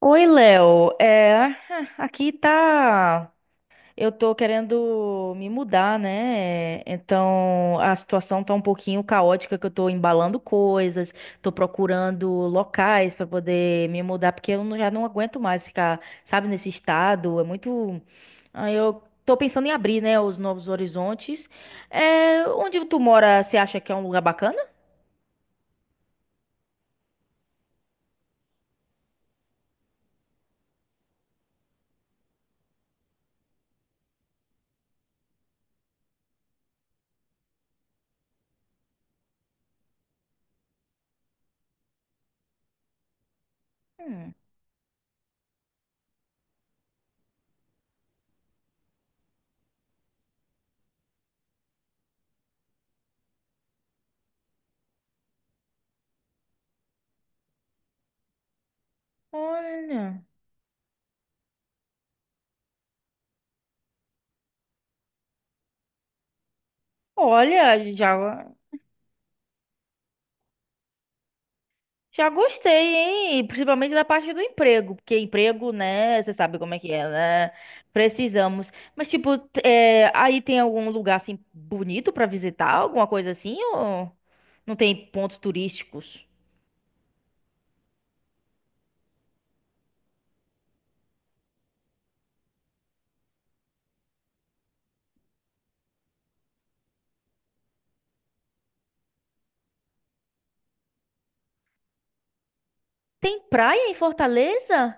Oi, Léo. Aqui tá. Eu tô querendo me mudar, né? Então a situação tá um pouquinho caótica, que eu tô embalando coisas, tô procurando locais pra poder me mudar, porque eu não- já não aguento mais ficar, sabe, nesse estado. É muito. Aí eu tô pensando em abrir, né, os novos horizontes. É, onde tu mora, você acha que é um lugar bacana? Hum, olha. Olha, já. Já gostei, hein? Principalmente da parte do emprego, porque emprego, né? Você sabe como é que é, né? Precisamos. Mas, tipo, aí tem algum lugar assim bonito pra visitar, alguma coisa assim? Ou não tem pontos turísticos? Tem praia em Fortaleza?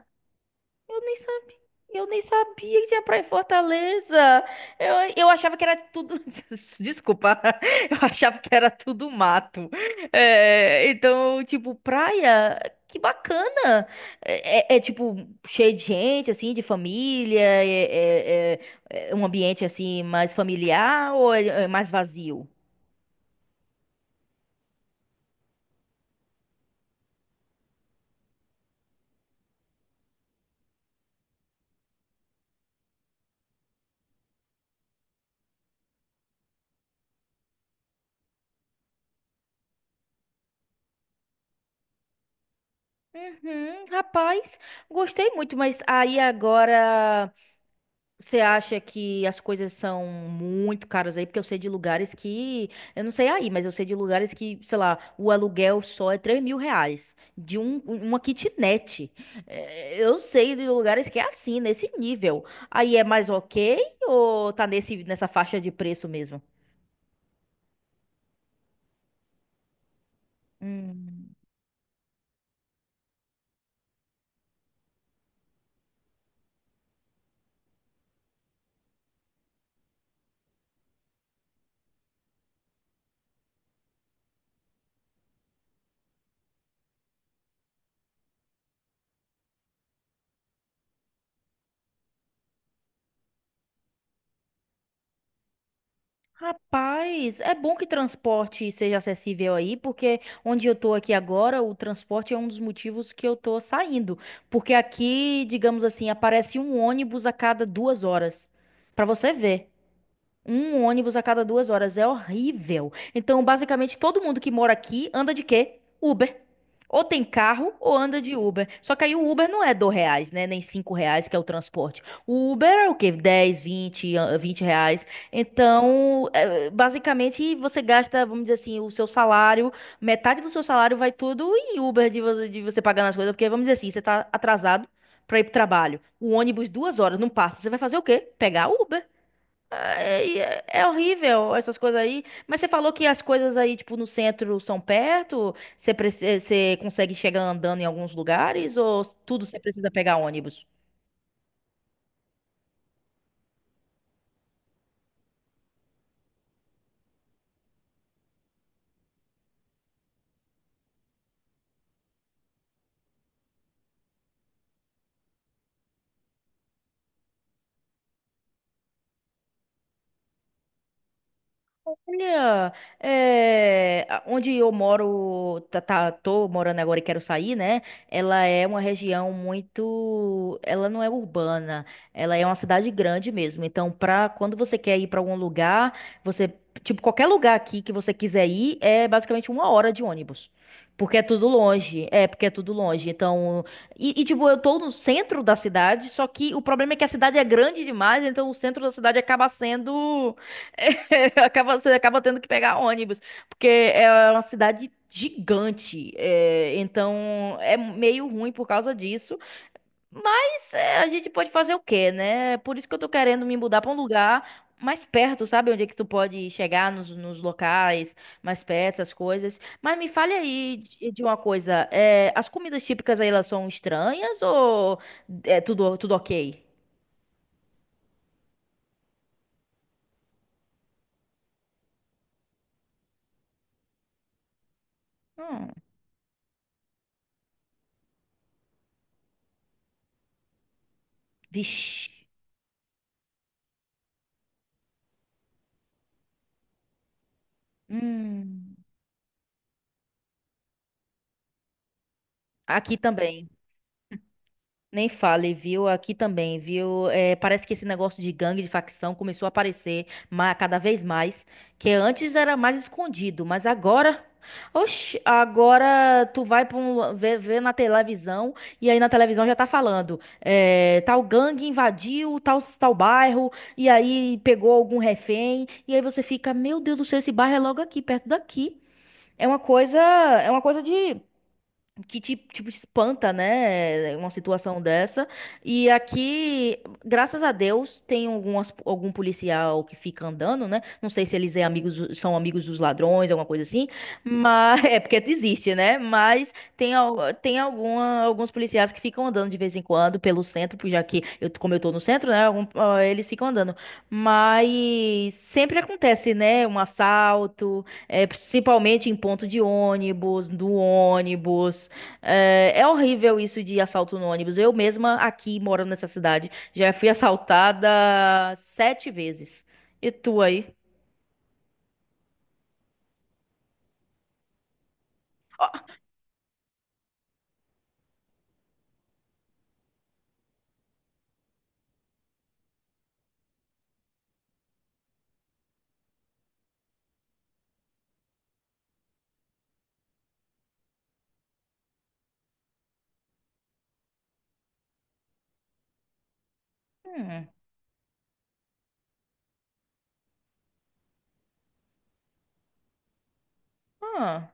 Eu nem sabia. Eu nem sabia que tinha praia em Fortaleza. Eu achava que era tudo. Desculpa. Eu achava que era tudo mato. É, então, tipo, praia, que bacana. Tipo, cheio de gente, assim, de família. É- É um ambiente, assim, mais familiar ou é mais vazio? Uhum, rapaz, gostei muito, mas aí agora. Você acha que as coisas são muito caras aí? Porque eu sei de lugares que. Eu não sei aí, mas eu sei de lugares que, sei lá, o aluguel só é R$ 3.000 de uma kitnet. É, eu sei de lugares que é assim, nesse nível. Aí é mais ok ou tá nessa faixa de preço mesmo? Hum. Rapaz, é bom que transporte seja acessível aí, porque onde eu tô aqui agora, o transporte é um dos motivos que eu tô saindo. Porque aqui, digamos assim, aparece um ônibus a cada 2 horas. Pra você ver. Um ônibus a cada duas horas é horrível. Então, basicamente, todo mundo que mora aqui anda de quê? Uber. Ou tem carro ou anda de Uber. Só que aí o Uber não é R$ 2, né? Nem R$ 5, que é o transporte. O Uber é o quê? Dez, 20, ah, R$ 20. Então, é, basicamente, você gasta, vamos dizer assim, o seu salário, metade do seu salário vai tudo em Uber de você pagar nas coisas. Porque, vamos dizer assim, você tá atrasado pra ir pro trabalho. O ônibus 2 horas não passa. Você vai fazer o quê? Pegar Uber. É horrível essas coisas aí. Mas você falou que as coisas aí, tipo, no centro são perto? Você, você consegue chegar andando em alguns lugares? Ou tudo você precisa pegar ônibus? Olha, é, onde eu moro, tô morando agora e quero sair, né? Ela é uma região muito, ela não é urbana, ela é uma cidade grande mesmo. Então, pra quando você quer ir pra algum lugar, você, tipo, qualquer lugar aqui que você quiser ir, é basicamente 1 hora de ônibus. Porque é tudo longe, é, porque é tudo longe. Então, tipo, eu tô no centro da cidade, só que o problema é que a cidade é grande demais, então o centro da cidade acaba sendo acaba, você acaba tendo que pegar ônibus, porque é uma cidade gigante, é, então é meio ruim por causa disso, mas é, a gente pode fazer o quê, né? Por isso que eu tô querendo me mudar pra um lugar mais perto, sabe? Onde é que tu pode chegar nos locais mais perto, essas coisas. Mas me fale aí de uma coisa, é, as comidas típicas aí elas são estranhas ou é tudo ok? Hum, vixe. Hum, aqui também. Nem fale, viu? Aqui também, viu? É, parece que esse negócio de gangue, de facção, começou a aparecer cada vez mais. Que antes era mais escondido, mas agora. Oxi, agora tu vai pra ver na televisão e aí na televisão já tá falando. É, tal gangue invadiu tal bairro e aí pegou algum refém. E aí você fica, meu Deus do céu, esse bairro é logo aqui, perto daqui. É uma coisa de que te, tipo, espanta, né? Uma situação dessa. E aqui, graças a Deus, tem algum policial que fica andando, né? Não sei se eles é amigos, são amigos dos ladrões, alguma coisa assim. Mas é porque existe, né? Mas tem, alguns policiais que ficam andando de vez em quando pelo centro, porque já que eu, como eu tô no centro, né? Eles ficam andando. Mas sempre acontece, né? Um assalto, é, principalmente em ponto de ônibus, do ônibus. Horrível isso de assalto no ônibus. Eu mesma, aqui, morando nessa cidade, já fui assaltada 7 vezes. E tu aí? Ó, hum, ah.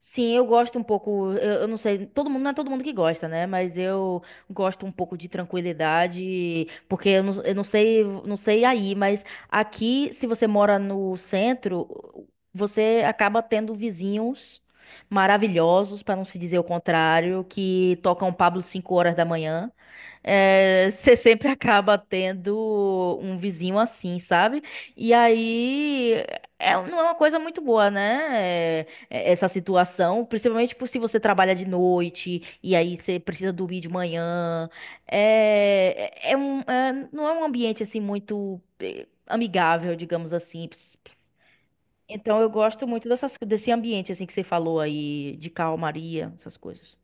Sim, eu gosto um pouco, eu não sei, todo mundo, não é todo mundo que gosta, né? Mas eu gosto um pouco de tranquilidade, porque eu não sei, não sei aí, mas aqui, se você mora no centro, você acaba tendo vizinhos maravilhosos, para não se dizer o contrário, que tocam Pablo 5 horas da manhã. É, você sempre acaba tendo um vizinho assim, sabe? E aí, é, não é uma coisa muito boa, né? É, essa situação, principalmente por se você trabalha de noite e aí você precisa dormir de manhã. Não é um ambiente assim muito amigável, digamos assim. Ps- ps. Então eu gosto muito dessas, desse ambiente assim que você falou aí de calmaria, essas coisas.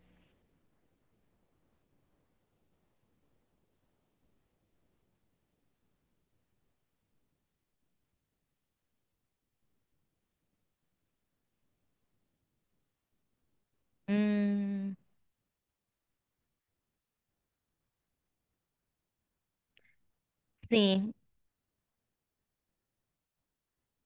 Hum, sim.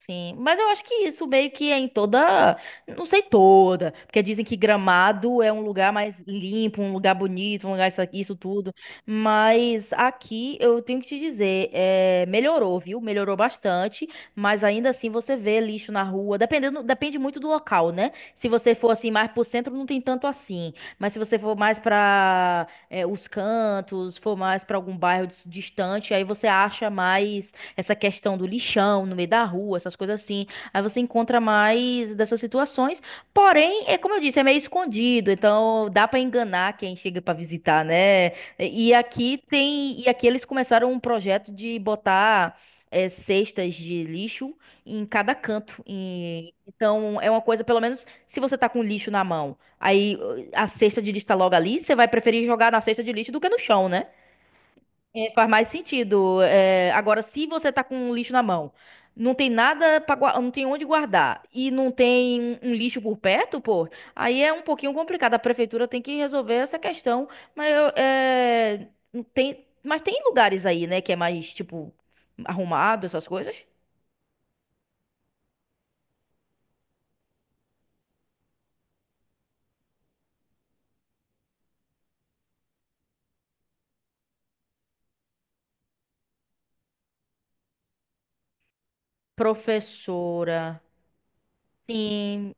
Sim, mas eu acho que isso meio que é em toda, não sei toda, porque dizem que Gramado é um lugar mais limpo, um lugar bonito, um lugar isso, aqui, isso tudo, mas aqui eu tenho que te dizer, é, melhorou, viu? Melhorou bastante, mas ainda assim você vê lixo na rua, dependendo, depende muito do local, né? Se você for assim mais pro centro, não tem tanto assim, mas se você for mais pra, é, os cantos, for mais pra algum bairro distante, aí você acha mais essa questão do lixão no meio da rua, essas coisas assim. Aí você encontra mais dessas situações. Porém, é como eu disse, é meio escondido, então dá pra enganar quem chega pra visitar, né? E aqui tem, e aqui eles começaram um projeto de botar cestas de lixo em cada canto. E- então é uma coisa, pelo menos, se você tá com lixo na mão, aí a cesta de lixo tá logo ali, você vai preferir jogar na cesta de lixo do que no chão, né? É, faz mais sentido. É, agora, se você tá com um lixo na mão, não tem nada para não tem onde guardar e não tem um lixo por perto, pô, aí é um pouquinho complicado. A prefeitura tem que resolver essa questão, mas eu, é, não tem, mas tem lugares aí, né, que é mais tipo arrumado, essas coisas. Professora, sim,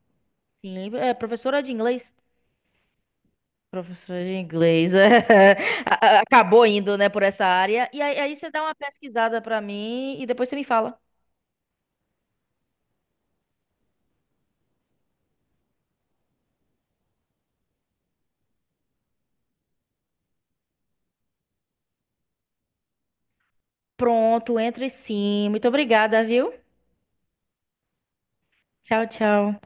sim, é professora de inglês. Professora de inglês. É. Acabou indo, né, por essa área. E aí, aí você dá uma pesquisada pra mim e depois você me fala. Pronto, entre sim. Muito obrigada, viu? Tchau, tchau.